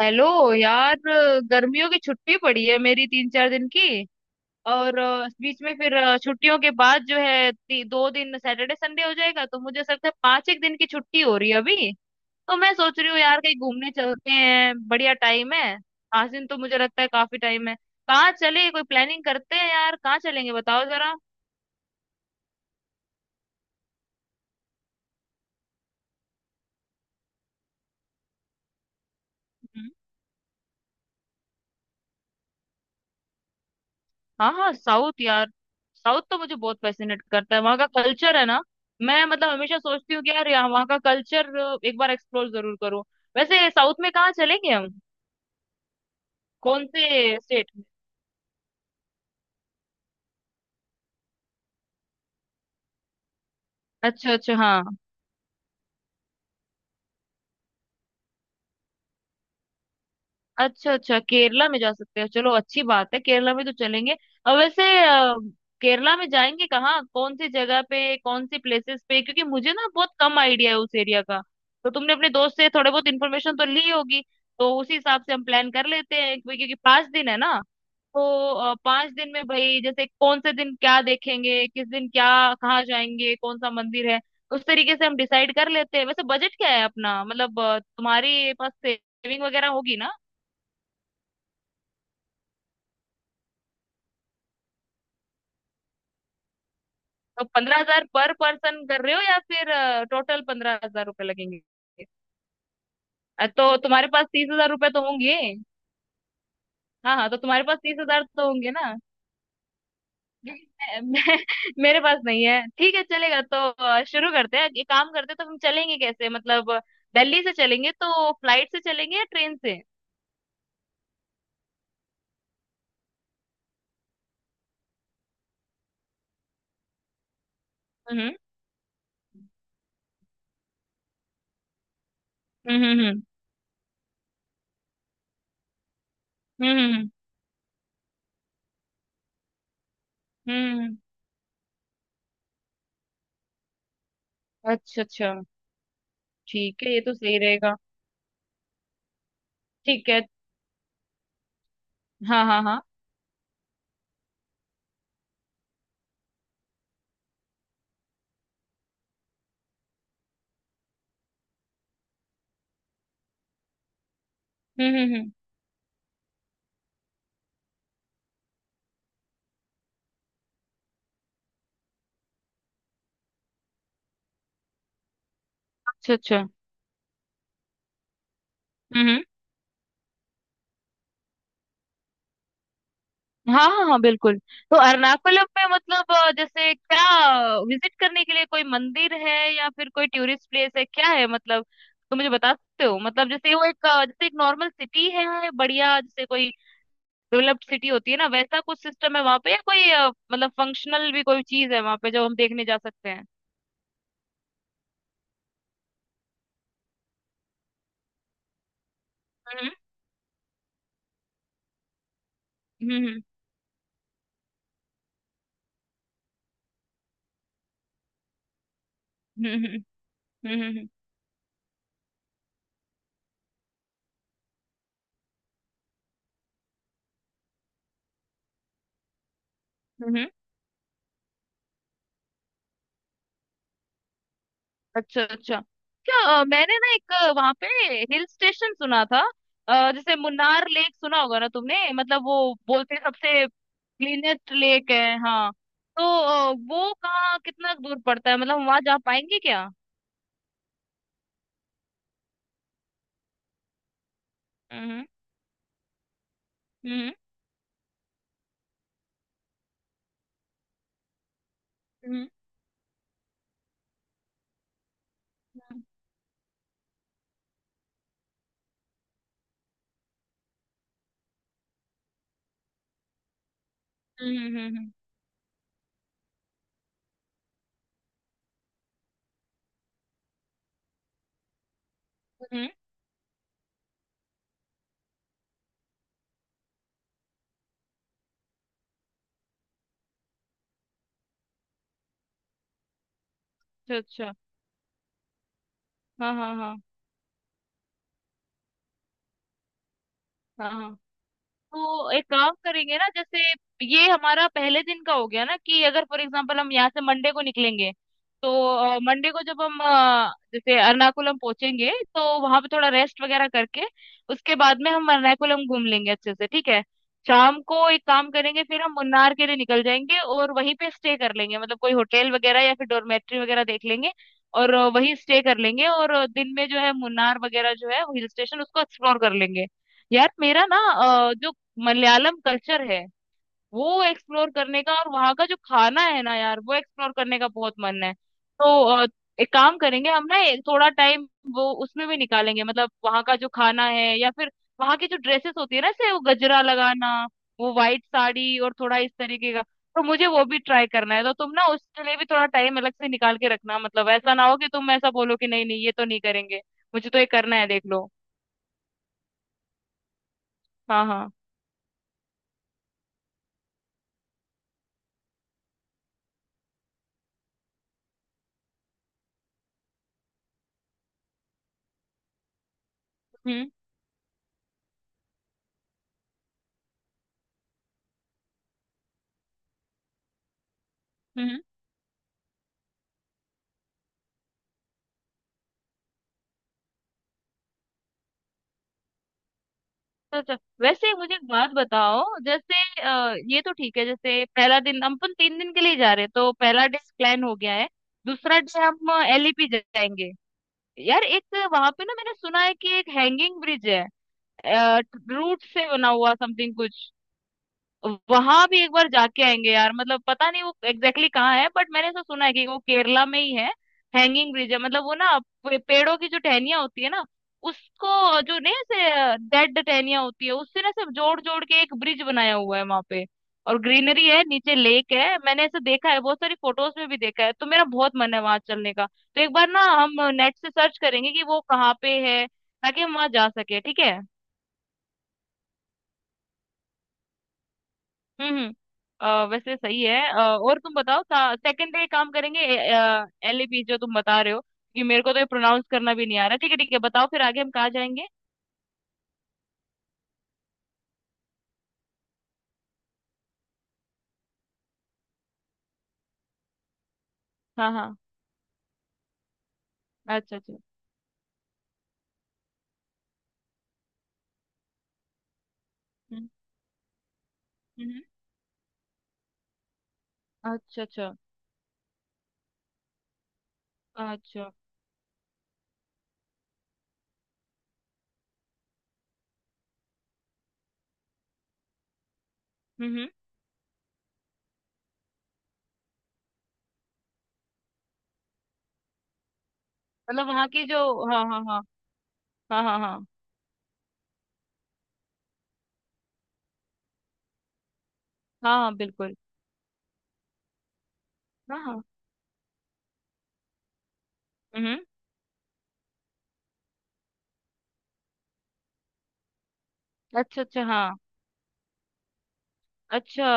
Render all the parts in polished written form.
Hello यार, गर्मियों की छुट्टी पड़ी है मेरी 3-4 दिन की। और बीच में फिर छुट्टियों के बाद जो है 2 दिन सैटरडे संडे हो जाएगा, तो मुझे ऐसा लगता है पांच एक दिन की छुट्टी हो रही है अभी। तो मैं सोच रही हूँ यार, कहीं घूमने चलते हैं, बढ़िया टाइम है। 5 दिन तो मुझे लगता है काफी टाइम है। कहाँ चले? कोई प्लानिंग करते हैं यार, कहाँ चलेंगे बताओ जरा। हाँ हाँ, साउथ यार। साउथ तो मुझे बहुत फैसिनेट करता है, वहाँ का कल्चर है ना। मैं मतलब हमेशा सोचती हूँ कि यार यहाँ वहाँ का कल्चर एक बार एक्सप्लोर जरूर करूँ। वैसे साउथ में कहाँ चलेंगे हम? कौन से स्टेट? अच्छा अच्छा, हाँ। अच्छा अच्छा, केरला में जा सकते हो, चलो अच्छी बात है, केरला में तो चलेंगे। और वैसे केरला में जाएंगे कहाँ, कौन सी जगह पे, कौन सी प्लेसेस पे? क्योंकि मुझे ना बहुत कम आइडिया है उस एरिया का। तो तुमने अपने दोस्त से थोड़े बहुत इन्फॉर्मेशन तो ली होगी। तो उसी हिसाब से हम प्लान कर लेते हैं, क्योंकि क्योंकि 5 दिन है ना। तो 5 दिन में भाई, जैसे कौन से दिन क्या देखेंगे, किस दिन क्या, कहाँ जाएंगे, कौन सा मंदिर है, उस तरीके से हम डिसाइड कर लेते हैं। वैसे बजट क्या है अपना? मतलब तुम्हारे पास सेविंग वगैरह होगी ना। तो 15,000 पर पर्सन कर रहे हो, या फिर टोटल 15,000 रुपए लगेंगे? तो तुम्हारे पास 30,000 रुपए तो होंगे। हाँ हाँ, तो तुम्हारे पास तीस हजार तो होंगे ना। मैं, मेरे पास नहीं है, ठीक है, चलेगा तो। शुरू करते हैं ये काम करते हैं। तो हम चलेंगे कैसे, मतलब दिल्ली से चलेंगे तो फ्लाइट से चलेंगे या ट्रेन से? हम्म हम्म हम्म हम्म हम्म हम्म, हम्म, अच्छा अच्छा। ठीक है, ये तो सही रहेगा। ठीक है। हाँ हाँ हाँ। हम्म, अच्छा अच्छा। हम्म हम्म। हाँ हाँ हाँ, बिल्कुल। तो अरनाकुलम में, मतलब जैसे क्या विजिट करने के लिए कोई मंदिर है, या फिर कोई टूरिस्ट प्लेस है, क्या है मतलब? तो मुझे बता सकते हो? मतलब जैसे वो एक जैसे एक नॉर्मल सिटी है बढ़िया, जैसे कोई डेवलप्ड सिटी होती है ना वैसा कुछ सिस्टम है वहाँ पे, या कोई मतलब फंक्शनल भी कोई चीज है वहाँ पे जो हम देखने जा सकते हैं? हम्म हम्म हम्म हम्म हम्म हम्म हम्म हम्म, हम्म, हम्म, हम्म, अच्छा अच्छा। क्या मैंने ना एक वहां पे हिल स्टेशन सुना था। जैसे मुन्नार लेक सुना होगा ना तुमने, मतलब वो बोलते हैं सबसे क्लीनेस्ट लेक है। हाँ तो वो कहाँ कितना दूर पड़ता है, मतलब वहां जा पाएंगे क्या? हम्म हम्म हम्म हम्म हम्म हम्म हम्म, हम्म, अच्छा अच्छा। हाँ हाँ हाँ हाँ। तो एक काम करेंगे ना, जैसे ये हमारा पहले दिन का हो गया ना, कि अगर फॉर एग्जांपल हम यहाँ से मंडे को निकलेंगे, तो मंडे को जब हम जैसे एर्नाकुलम पहुंचेंगे तो वहां पे थोड़ा रेस्ट वगैरह करके उसके बाद में हम एर्नाकुलम घूम लेंगे अच्छे से, ठीक है। शाम को एक काम करेंगे, फिर हम मुन्नार के लिए निकल जाएंगे और वहीं पे स्टे कर लेंगे, मतलब कोई होटल वगैरह या फिर डॉर्मेट्री वगैरह देख लेंगे। और वहीं स्टे कर लेंगे, और दिन में जो है मुन्नार वगैरह जो है हिल स्टेशन उसको एक्सप्लोर कर लेंगे। यार मेरा ना जो मलयालम कल्चर है वो एक्सप्लोर करने का, और वहाँ का जो खाना है ना यार वो एक्सप्लोर करने का बहुत मन है। तो एक काम करेंगे हम ना, एक थोड़ा टाइम वो उसमें भी निकालेंगे, मतलब वहाँ का जो खाना है, या फिर वहाँ की जो ड्रेसेस होती है ना, जैसे वो गजरा लगाना, वो वाइट साड़ी और थोड़ा इस तरीके का। तो मुझे वो भी ट्राई करना है, तो तुम ना उसके लिए भी थोड़ा टाइम अलग से निकाल के रखना, मतलब ऐसा ना हो कि तुम ऐसा बोलो कि नहीं नहीं, ये तो नहीं करेंगे। मुझे तो ये करना है, देख लो। हाँ हाँ। हम्म हम्म। अच्छा, वैसे मुझे एक बात बताओ। जैसे ये तो ठीक है, जैसे पहला दिन, हम अपन 3 दिन के लिए जा रहे हैं तो पहला डे प्लान हो गया है। दूसरा डे हम एलईपी जाएंगे। यार एक वहां पे ना मैंने सुना है कि एक हैंगिंग ब्रिज है। रूट से बना हुआ समथिंग कुछ। वहां भी एक बार जाके आएंगे यार, मतलब पता नहीं वो एग्जैक्टली कहाँ है, बट मैंने ऐसा सुना है कि वो केरला में ही है। हैंगिंग ब्रिज है, मतलब वो ना पेड़ों की जो टहनियां होती है ना, उसको जो, नहीं ऐसे डेड टहनियां होती है उससे ना सब जोड़ जोड़ के एक ब्रिज बनाया हुआ है वहां पे। और ग्रीनरी है, नीचे लेक है, मैंने ऐसे देखा है, बहुत सारी फोटोज में भी देखा है, तो मेरा बहुत मन है वहां चलने का। तो एक बार ना हम नेट से सर्च करेंगे कि वो कहाँ पे है, ताकि हम वहां जा सके, ठीक है। हम्म हम्म, वैसे सही है। और तुम बताओ, सेकंड डे काम करेंगे एलएपी, जो तुम बता रहे हो, क्योंकि मेरे को तो ये प्रोनाउंस करना भी नहीं आ रहा। ठीक है ठीक है, बताओ फिर आगे हम कहाँ जाएंगे। हाँ हाँ, अच्छा अच्छा। हम्म हम्म, अच्छा अच्छा अच्छा। हम्म हम्म, मतलब वहाँ की जो, हाँ हाँ हाँ हाँ, हाँ हाँ हाँ हाँ बिल्कुल। हाँ हाँ। हम्म, अच्छा अच्छा। हाँ, अच्छा।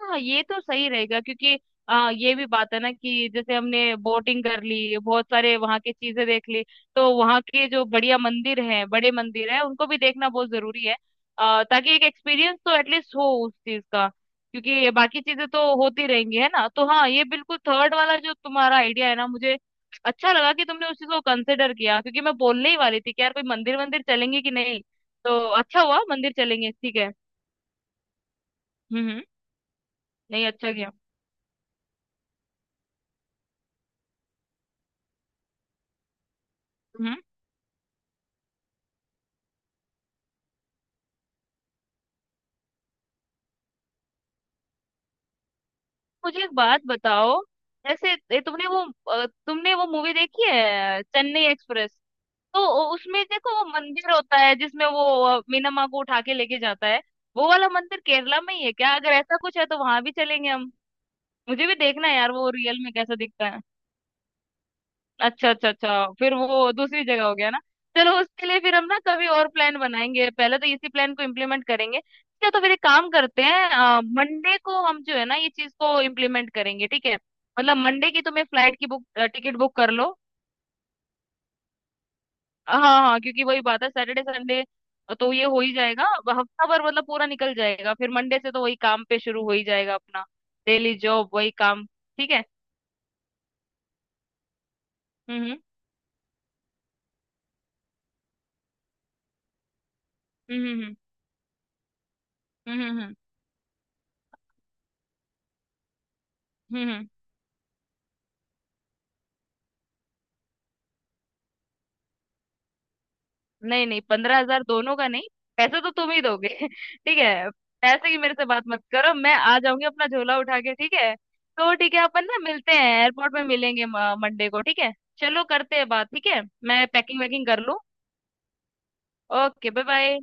हाँ, ये तो सही रहेगा क्योंकि ये भी बात है ना कि जैसे हमने बोटिंग कर ली, बहुत सारे वहाँ की चीजें देख ली। तो वहाँ के जो बढ़िया मंदिर हैं, बड़े मंदिर हैं, उनको भी देखना बहुत जरूरी है। ताकि एक एक्सपीरियंस तो एटलीस्ट हो उस चीज का, क्योंकि ये बाकी चीजें तो होती रहेंगी है ना। तो हाँ, ये बिल्कुल थर्ड वाला जो तुम्हारा आइडिया है ना, मुझे अच्छा लगा कि तुमने उस चीज को कंसिडर किया, क्योंकि मैं बोलने ही वाली थी कि यार कोई मंदिर वंदिर चलेंगे कि नहीं। तो अच्छा हुआ मंदिर चलेंगे, ठीक है। हम्म। नहीं, अच्छा किया। हम्म। मुझे एक बात बताओ, जैसे ये तुमने वो तुमने वो मूवी देखी है चेन्नई एक्सप्रेस? तो उसमें देखो वो मंदिर होता है जिसमें वो मीना माँ को उठा के लेके जाता है। वो वाला मंदिर केरला में ही है क्या? अगर ऐसा कुछ है तो वहां भी चलेंगे हम। मुझे भी देखना है यार, वो रियल में कैसा दिखता है। अच्छा अच्छा अच्छा, फिर वो दूसरी जगह हो गया ना। चलो उसके लिए फिर हम ना कभी और प्लान बनाएंगे, पहले तो इसी प्लान को इम्प्लीमेंट करेंगे क्या। तो फिर एक काम करते हैं, मंडे को हम जो है ना ये चीज को इम्प्लीमेंट करेंगे, ठीक है। मतलब मंडे की तुम्हें फ्लाइट की बुक, टिकट बुक कर लो। हाँ हाँ, क्योंकि वही बात है सैटरडे संडे, तो ये हो ही जाएगा। हफ्ता भर मतलब पूरा निकल जाएगा, फिर मंडे से तो वही काम पे शुरू हो ही जाएगा अपना, डेली जॉब वही काम, ठीक है। हम्म हम्म हम्म हम्म हम्म हम्म हम्म हम्म हम्म, हम्म। नहीं नहीं, 15,000 दोनों का नहीं। पैसे तो तुम ही दोगे। ठीक है। पैसे की मेरे से बात मत करो, मैं आ जाऊंगी अपना झोला उठा के। ठीक है तो, ठीक है, अपन ना मिलते हैं, एयरपोर्ट में मिलेंगे मंडे को, ठीक है। चलो करते हैं बात, ठीक है। मैं पैकिंग वैकिंग कर लूँ। Okay, bye bye.